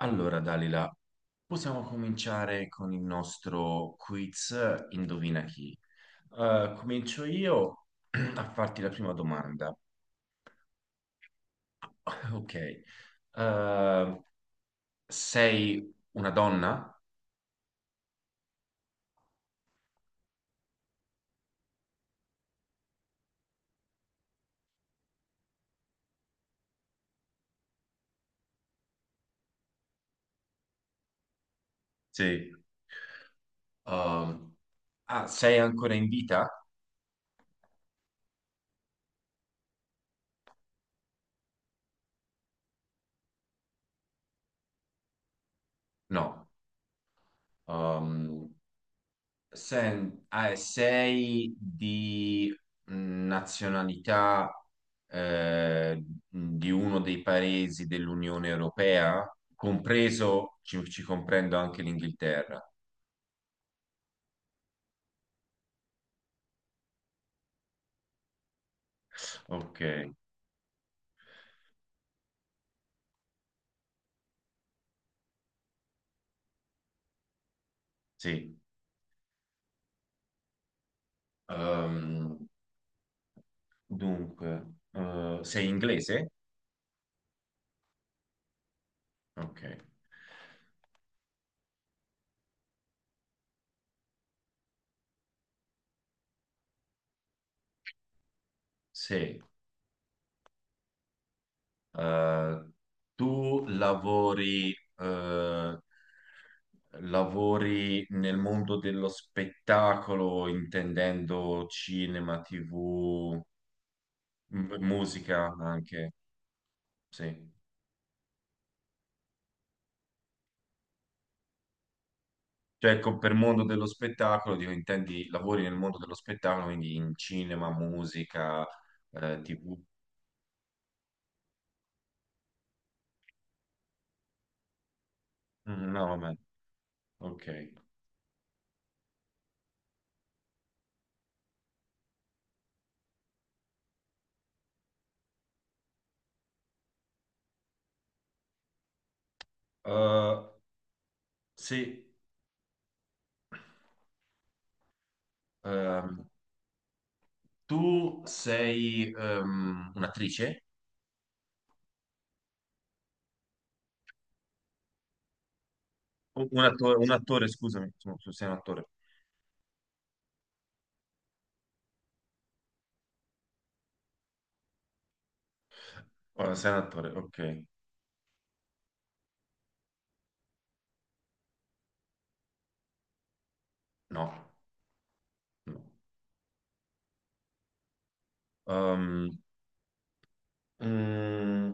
Allora, Dalila, possiamo cominciare con il nostro quiz Indovina chi. Comincio io a farti la prima domanda. Ok. Eh, sei una donna? Sì. Um, Sei ancora in vita? No. Um, Sei di nazionalità eh, di uno dei paesi dell'Unione Europea, compreso, ci comprendo anche l'Inghilterra. Ok, sì. Ehm, Dunque, sei inglese? Ok, sì. Eh, Tu lavori, lavori nel mondo dello spettacolo, intendendo cinema, TV, musica anche, sì. Cioè, ecco, per mondo dello spettacolo, dico, intendi, lavori nel mondo dello spettacolo, quindi in cinema, musica, TV. Mm, no, vabbè, ok. Eh, sì, ehm, tu sei un'attrice? Un attore, scusami, insomma, tu sei un attore. Ora, sei un attore, ok. No, no. Ehm, mm,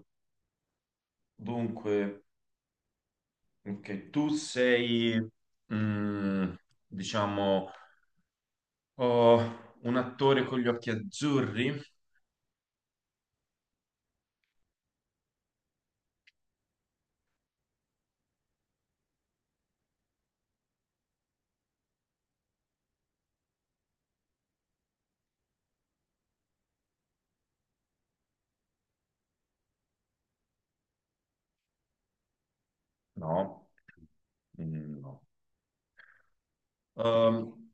Dunque, ok, tu sei, mm, diciamo, oh, un attore con gli occhi azzurri? No. Mm, no. Ehm,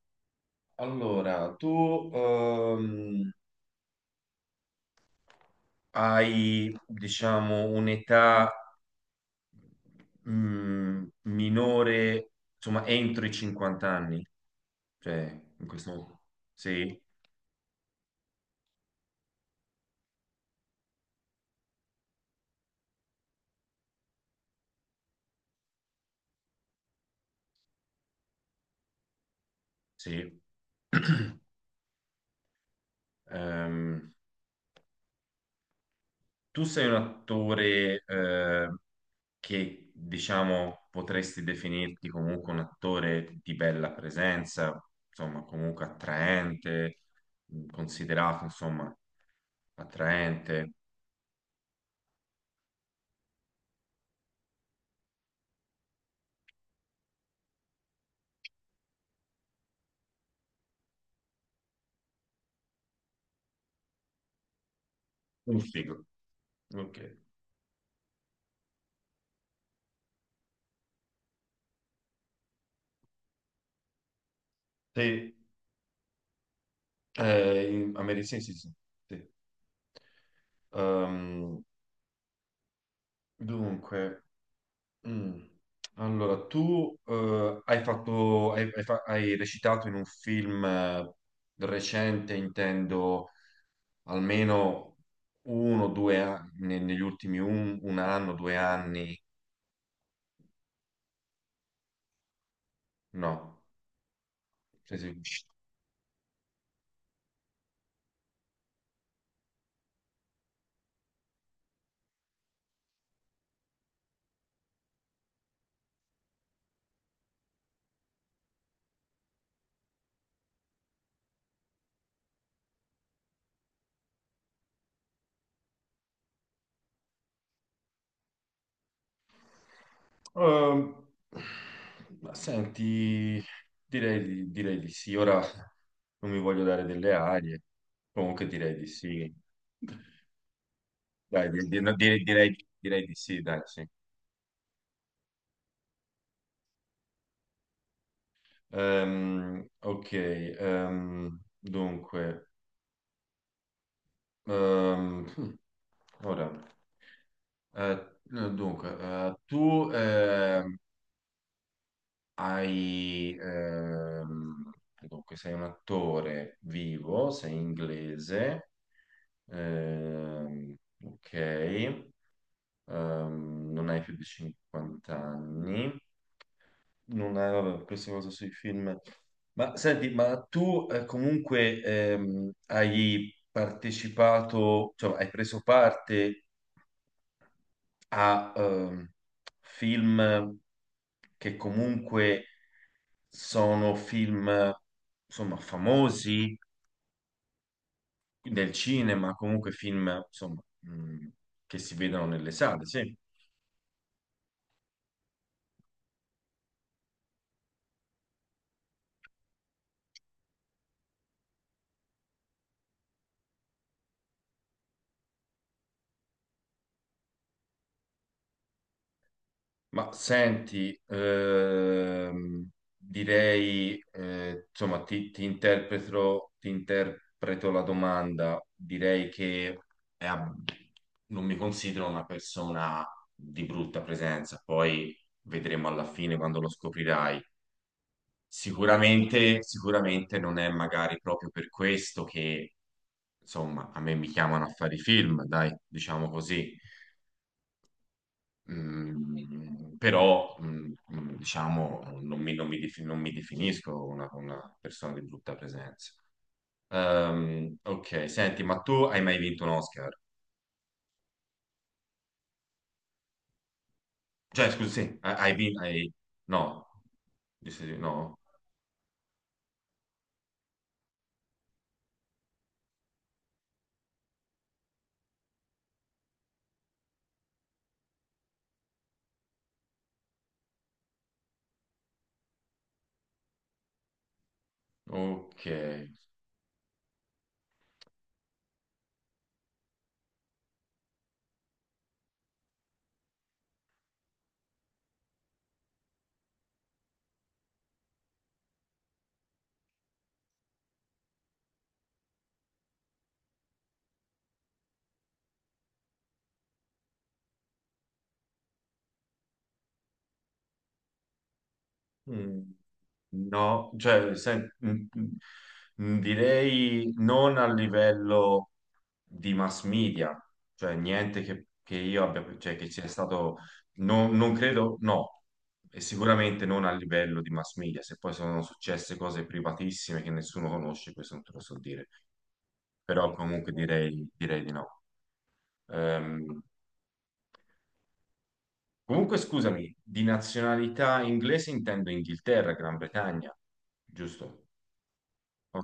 allora, tu hai, diciamo, un'età minore, insomma, entro i 50 anni, cioè in questo sì, sì. Ehm, Tu sei un attore che diciamo potresti definirti comunque un attore di bella presenza, insomma, comunque attraente, considerato, insomma, attraente. Un figo. Ok. Sì, a Medicine, sì, sì. Sì. Ehm, Dunque, mm, allora tu hai fatto, hai recitato in un film recente, intendo almeno uno o due anni, negli ultimi un anno, due anni, no. Sì, sì. Ehm, ma senti, direi, direi di sì. Ora non mi voglio dare delle arie, comunque direi di sì. Dai, no, direi di sì, dai, sì. Ok, dunque, hmm, ora, no, dunque, Tu hai, ehm, sei un attore vivo, sei inglese, ehm, ok, non hai più di 50 anni. Non è, vabbè, questa cosa sui film. Ma senti, ma tu comunque hai partecipato, cioè hai preso parte a film che comunque sono film, insomma, famosi nel cinema, comunque film, insomma, che si vedono nelle sale, sì. Ma senti, direi, insomma, ti interpreto la domanda. Direi che è ab- non mi considero una persona di brutta presenza, poi vedremo alla fine quando lo scoprirai. Sicuramente, sicuramente non è magari proprio per questo che, insomma, a me mi chiamano a fare i film, dai, diciamo così. Mm, però, mm, mm, diciamo, non mi non mi definisco una persona di brutta presenza. Ok, senti, ma tu hai mai vinto un Oscar? Cioè, scusi, sì, hai vinto... No, di sì, di no, ok. Mm, no, direi non a livello... di mass media, cioè niente che, che io abbia, cioè che sia stato, non credo, no, e sicuramente non a livello di mass media, se poi sono successe cose privatissime che nessuno conosce, questo non te lo so dire, però comunque direi di no. Ehm, Comunque scusami, di nazionalità inglese intendo Inghilterra, Gran Bretagna, giusto? Oh,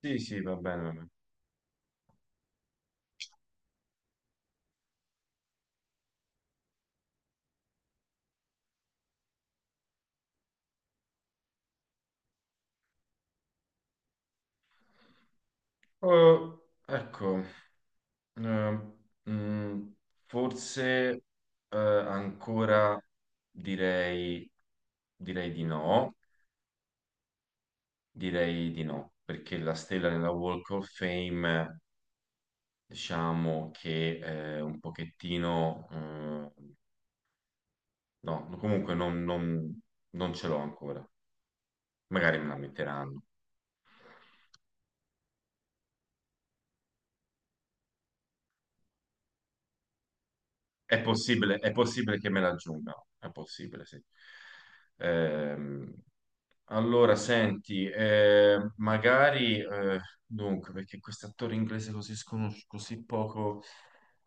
sì, sì, va bene, va bene. Oh, ecco. Ehm, mm, Forse ancora direi, direi di no, direi di no, perché la stella nella Walk of Fame, diciamo che è un pochettino, no, comunque non ce l'ho ancora, magari me la metteranno. È possibile che me la aggiungano, è possibile, sì. Ehm, Allora, senti, perché quest'attore inglese così sconosciuto, così poco,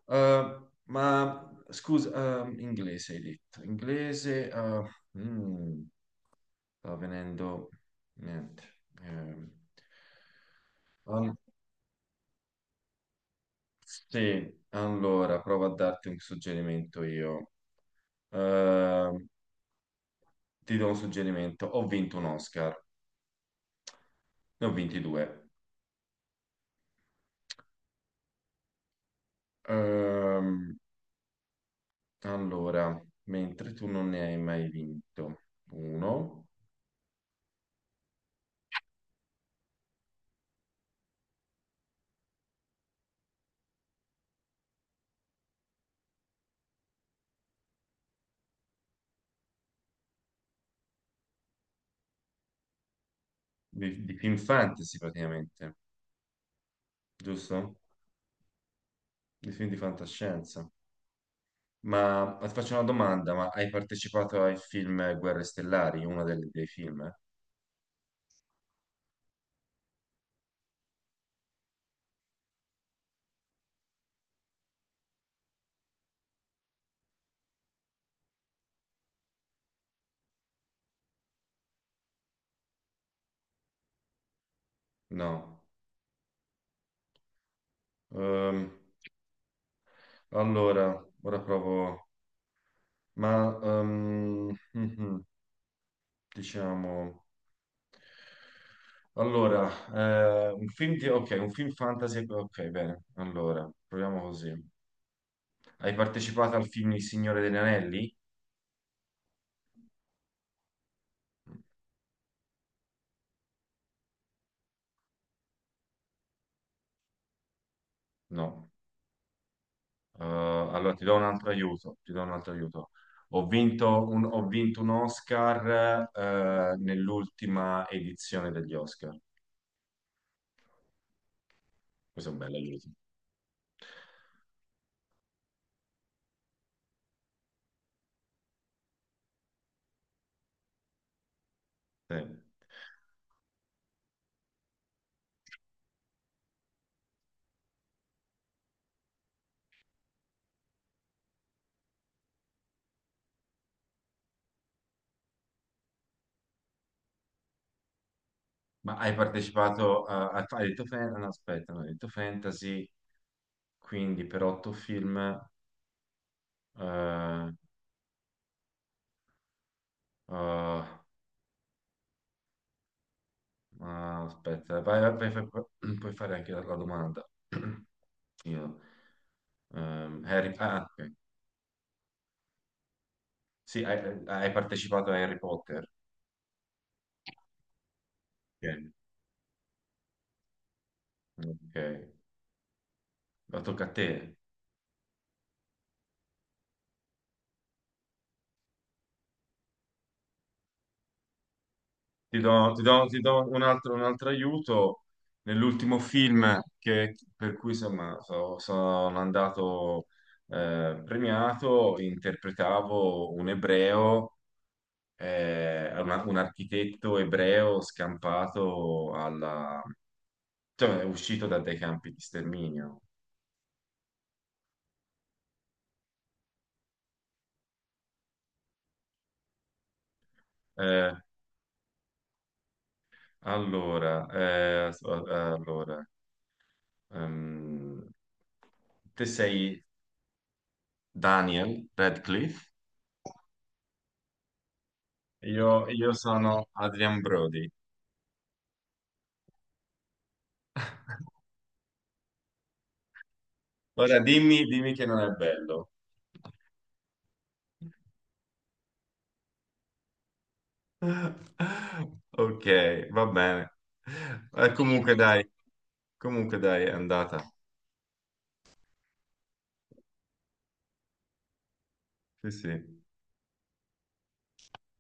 ma scusa, inglese hai detto, inglese, mm, sta venendo, niente, eh, um, sì, allora, provo a darti un suggerimento io. Eh, Ti do un suggerimento, ho vinto un Oscar, ne ho vinti due. Ehm, Allora, mentre tu non ne hai mai vinto uno, di film fantasy praticamente, giusto? Di film di fantascienza. Ma ti faccio una domanda, ma hai partecipato ai film Guerre Stellari, dei film, eh? No. Ehm, allora, ora provo... Ma, ehm, mhm, diciamo... Allora, un film fantasy... Ok, bene. Allora, proviamo così. Hai partecipato al film Il Signore degli Anelli? No. Allora ti do un altro aiuto, ti do un altro aiuto. Ho vinto un Oscar nell'ultima edizione degli Oscar. Questo è un bel aiuto. Sì. Ma hai partecipato a, hai detto fantasy, no, aspetta, no, hai detto fantasy, quindi per otto film, eh, ah, aspetta, vai, vai, vai, vai, puoi fare anche la domanda. Io. Ok. Sì, hai partecipato a Harry Potter. Ok. Ok. Ma tocca a te. Ti do un altro aiuto. Nell'ultimo film per cui insomma, sono andato premiato, interpretavo un ebreo, un architetto ebreo scampato alla... cioè, è uscito da dei campi di sterminio. Eh, Allora, eh, s- eh, allora, ehm, Te sei Daniel Radcliffe, io sono Adrian Brody. Ora dimmi, dimmi che non è bello. Ok, va bene. Eh, comunque dai, Comunque dai, è andata. Sì, sì.